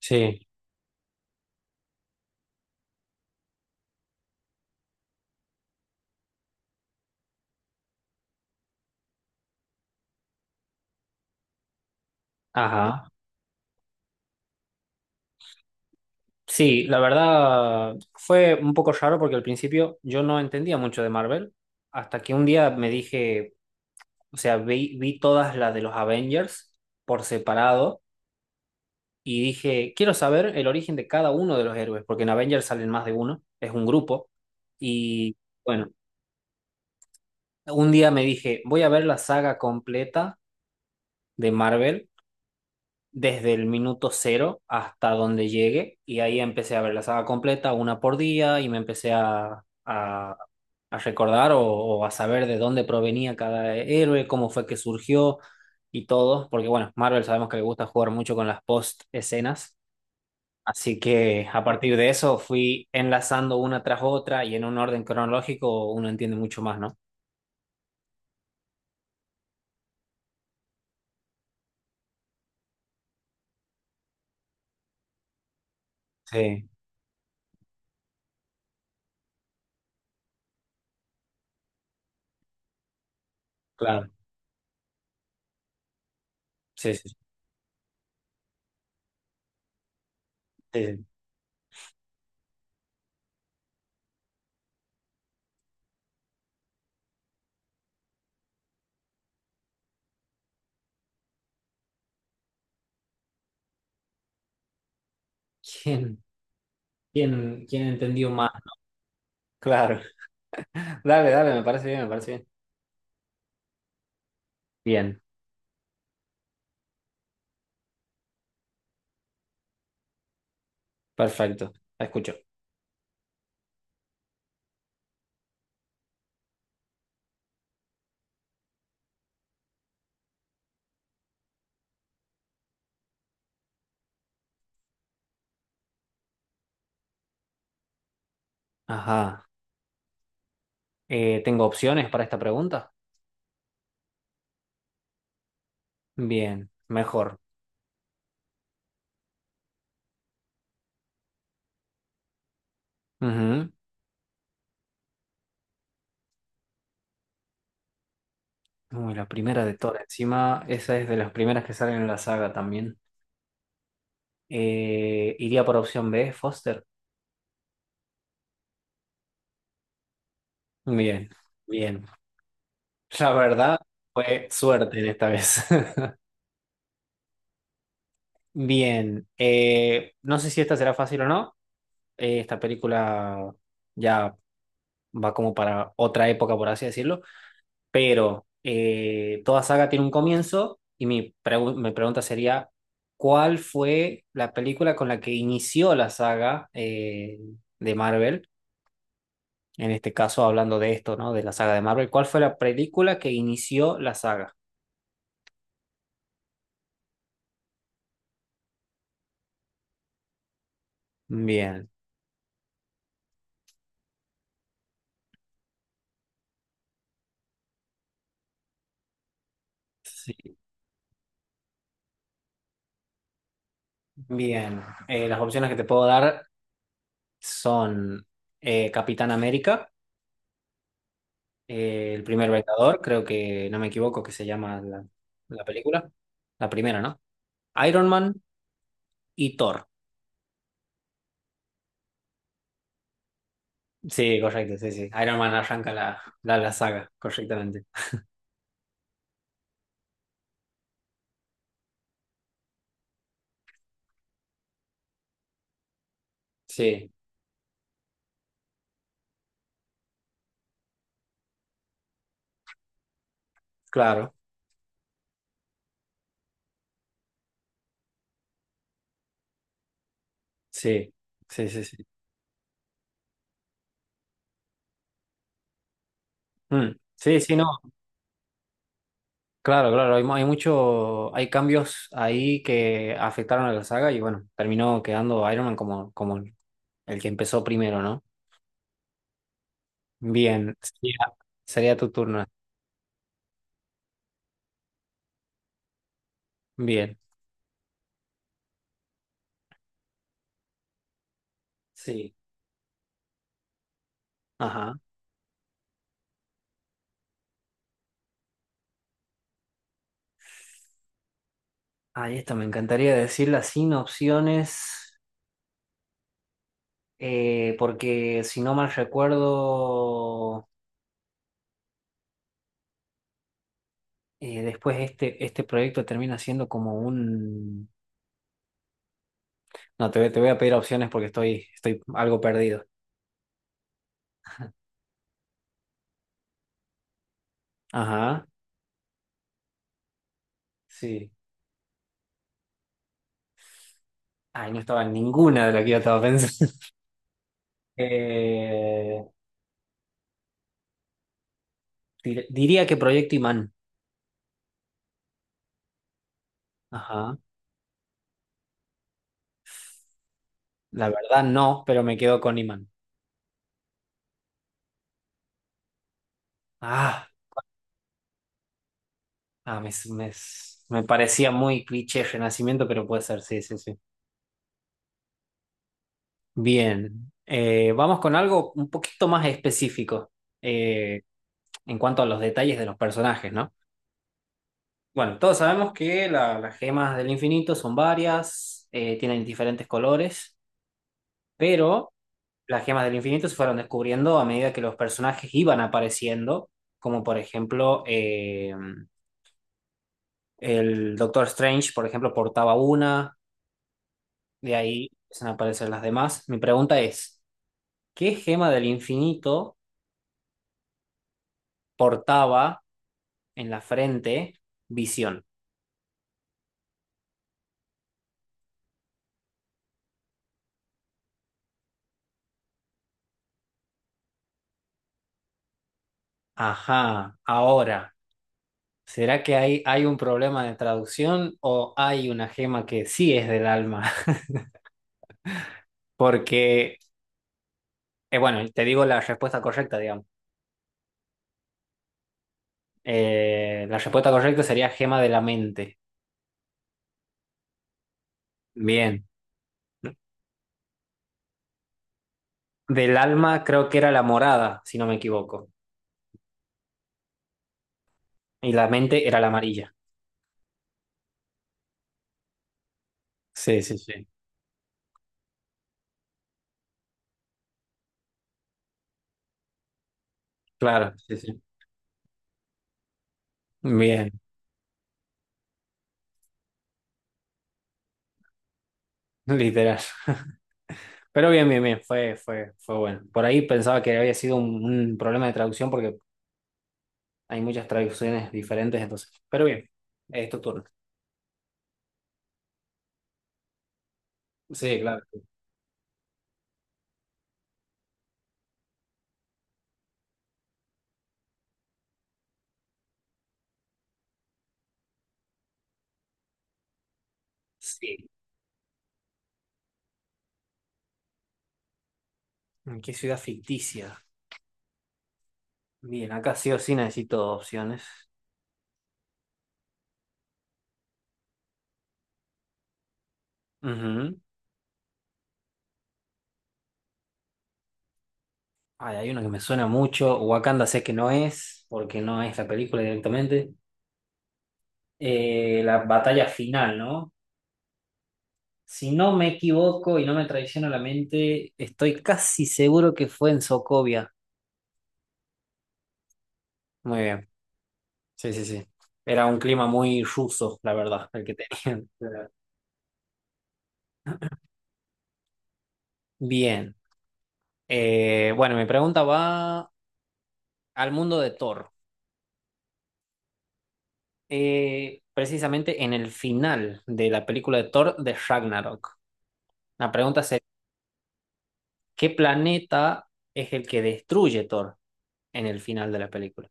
Sí, ajá. Sí, la verdad fue un poco raro porque al principio yo no entendía mucho de Marvel, hasta que un día me dije, o sea, vi todas las de los Avengers por separado y dije, quiero saber el origen de cada uno de los héroes, porque en Avengers salen más de uno, es un grupo. Y bueno, un día me dije, voy a ver la saga completa de Marvel desde el minuto cero hasta donde llegue y ahí empecé a ver la saga completa una por día y me empecé a recordar o a saber de dónde provenía cada héroe, cómo fue que surgió y todo, porque bueno, Marvel sabemos que le gusta jugar mucho con las post escenas, así que a partir de eso fui enlazando una tras otra y en un orden cronológico uno entiende mucho más, ¿no? Sí, claro, sí, sí, sí. ¿Quién, quién, quién entendió más? Claro. Dale, dale, me parece bien, me parece bien. Bien, perfecto. La escucho. Ajá. ¿Tengo opciones para esta pregunta? Bien, mejor. Ujú. Uy, la primera de todas. Encima, esa es de las primeras que salen en la saga también. Iría por opción B, Foster. Bien, bien. La verdad, fue suerte en esta vez. Bien, no sé si esta será fácil o no. Esta película ya va como para otra época, por así decirlo. Pero toda saga tiene un comienzo y mi pregunta sería, ¿cuál fue la película con la que inició la saga de Marvel? En este caso, hablando de esto, ¿no? De la saga de Marvel, ¿cuál fue la película que inició la saga? Bien, sí, bien. Las opciones que te puedo dar son Capitán América, El Primer Vengador, creo que no me equivoco que se llama la película, la primera, ¿no? Iron Man y Thor. Sí, correcto, sí, sí. Iron Man arranca la saga, correctamente. Sí, claro, sí, sí, sí, sí. Mm, sí, sí, no, claro, claro, hay, hay mucho, hay cambios ahí que afectaron a la saga y bueno, terminó quedando Iron Man como, como el que empezó primero, ¿no? Bien, sería, sería tu turno. Bien, sí, ajá. Ahí esta me encantaría decirla sin opciones, porque si no mal recuerdo... después este proyecto termina siendo como un... No, te voy a pedir opciones porque estoy, estoy algo perdido. Ajá, sí. Ay, no estaba en ninguna de las que yo estaba pensando. Eh, Diría que Proyecto Imán. Ajá. La verdad no, pero me quedo con Imán. Ah, ah, me, me- Me parecía muy cliché Renacimiento, pero puede ser, sí, sí, sí. Bien. Vamos con algo un poquito más específico eh, en cuanto a los detalles de los personajes, ¿no? Bueno, todos sabemos que las gemas del infinito son varias, tienen diferentes colores, pero las gemas del infinito se fueron descubriendo a medida que los personajes iban apareciendo, como por ejemplo el Doctor Strange, por ejemplo, portaba una, de ahí empiezan a aparecer las demás. Mi pregunta es, ¿qué gema del infinito portaba en la frente Visión? Ajá, ahora. ¿Será que hay un problema de traducción o hay una gema que sí es del alma? Porque, bueno, te digo la respuesta correcta, digamos. La respuesta correcta sería gema de la mente. Bien. Del alma creo que era la morada, si no me equivoco. Y la mente era la amarilla. Sí, sí, sí. Claro, sí, sí. Bien, literal. Pero bien, bien, bien, fue bueno. Por ahí pensaba que había sido un problema de traducción porque hay muchas traducciones diferentes, entonces. Pero bien, es tu turno. Sí, claro. Sí. ¿En qué ciudad ficticia? Bien, acá sí o sí necesito opciones. Ujú. Ay, hay una que me suena mucho. Wakanda sé que no es, porque no es la película directamente. La batalla final, ¿no? Si no me equivoco y no me traiciona la mente, estoy casi seguro que fue en Sokovia. Muy bien. Sí, sí, sí. Era un clima muy ruso, la verdad, el que tenían. Bien. Bueno, mi pregunta va al mundo de Thor. Eh, precisamente en el final de la película de Thor de Ragnarok. La pregunta sería, ¿qué planeta es el que destruye Thor en el final de la película?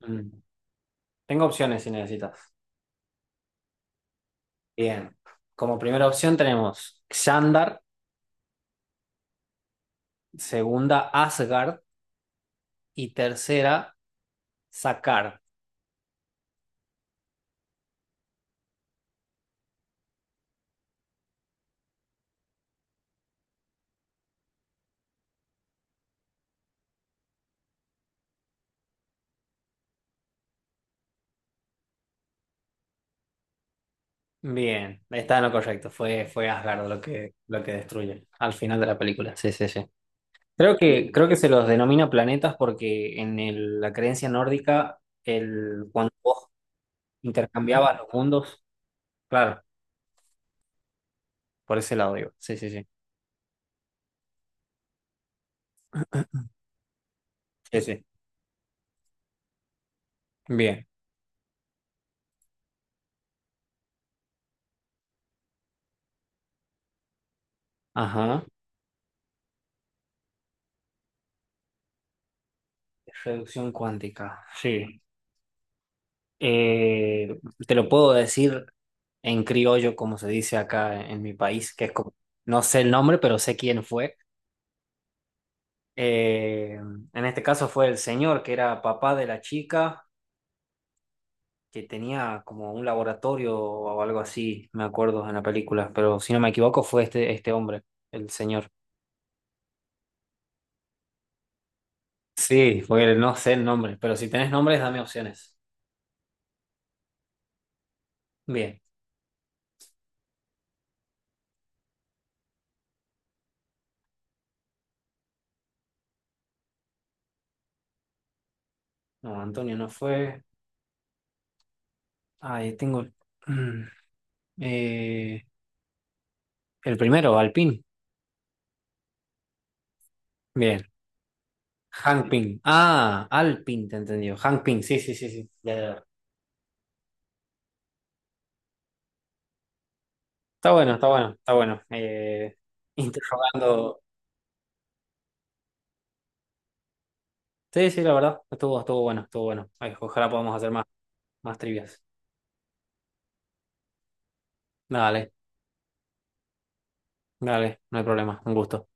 Mm. Tengo opciones si necesitas. Bien. Como primera opción tenemos Xandar, segunda Asgard y tercera Sakaar. Bien, está en lo correcto. Fue, fue Asgard lo que destruye al final de la película. Sí, sí, sí. Creo que se los denomina planetas porque en la creencia nórdica, el, cuando vos intercambiabas los mundos, claro, por ese lado digo. Sí, sí, sí. Sí, sí. Bien. Ajá. Reducción cuántica. Sí. Eh, te lo puedo decir en criollo, como se dice acá en mi país, que es como, no sé el nombre, pero sé quién fue. Eh, en este caso fue el señor que era papá de la chica que tenía como un laboratorio o algo así, me acuerdo en la película, pero si no me equivoco fue este hombre, el señor. Sí, porque no sé el nombre, pero si tenés nombres, dame opciones. Bien, no, Antonio no fue. Ahí tengo mm, eh, el primero, Alpin. Bien, Hank Pym. Ah, Alpin, te entendió. Hank Pym, sí, sí, sí, sí. Ya, ya. Está bueno, está bueno, está bueno. Interrogando. Sí, sí, la verdad, estuvo, estuvo bueno, estuvo bueno. Ay, ojalá podamos hacer más, más trivias. Dale, dale, no hay problema, un gusto.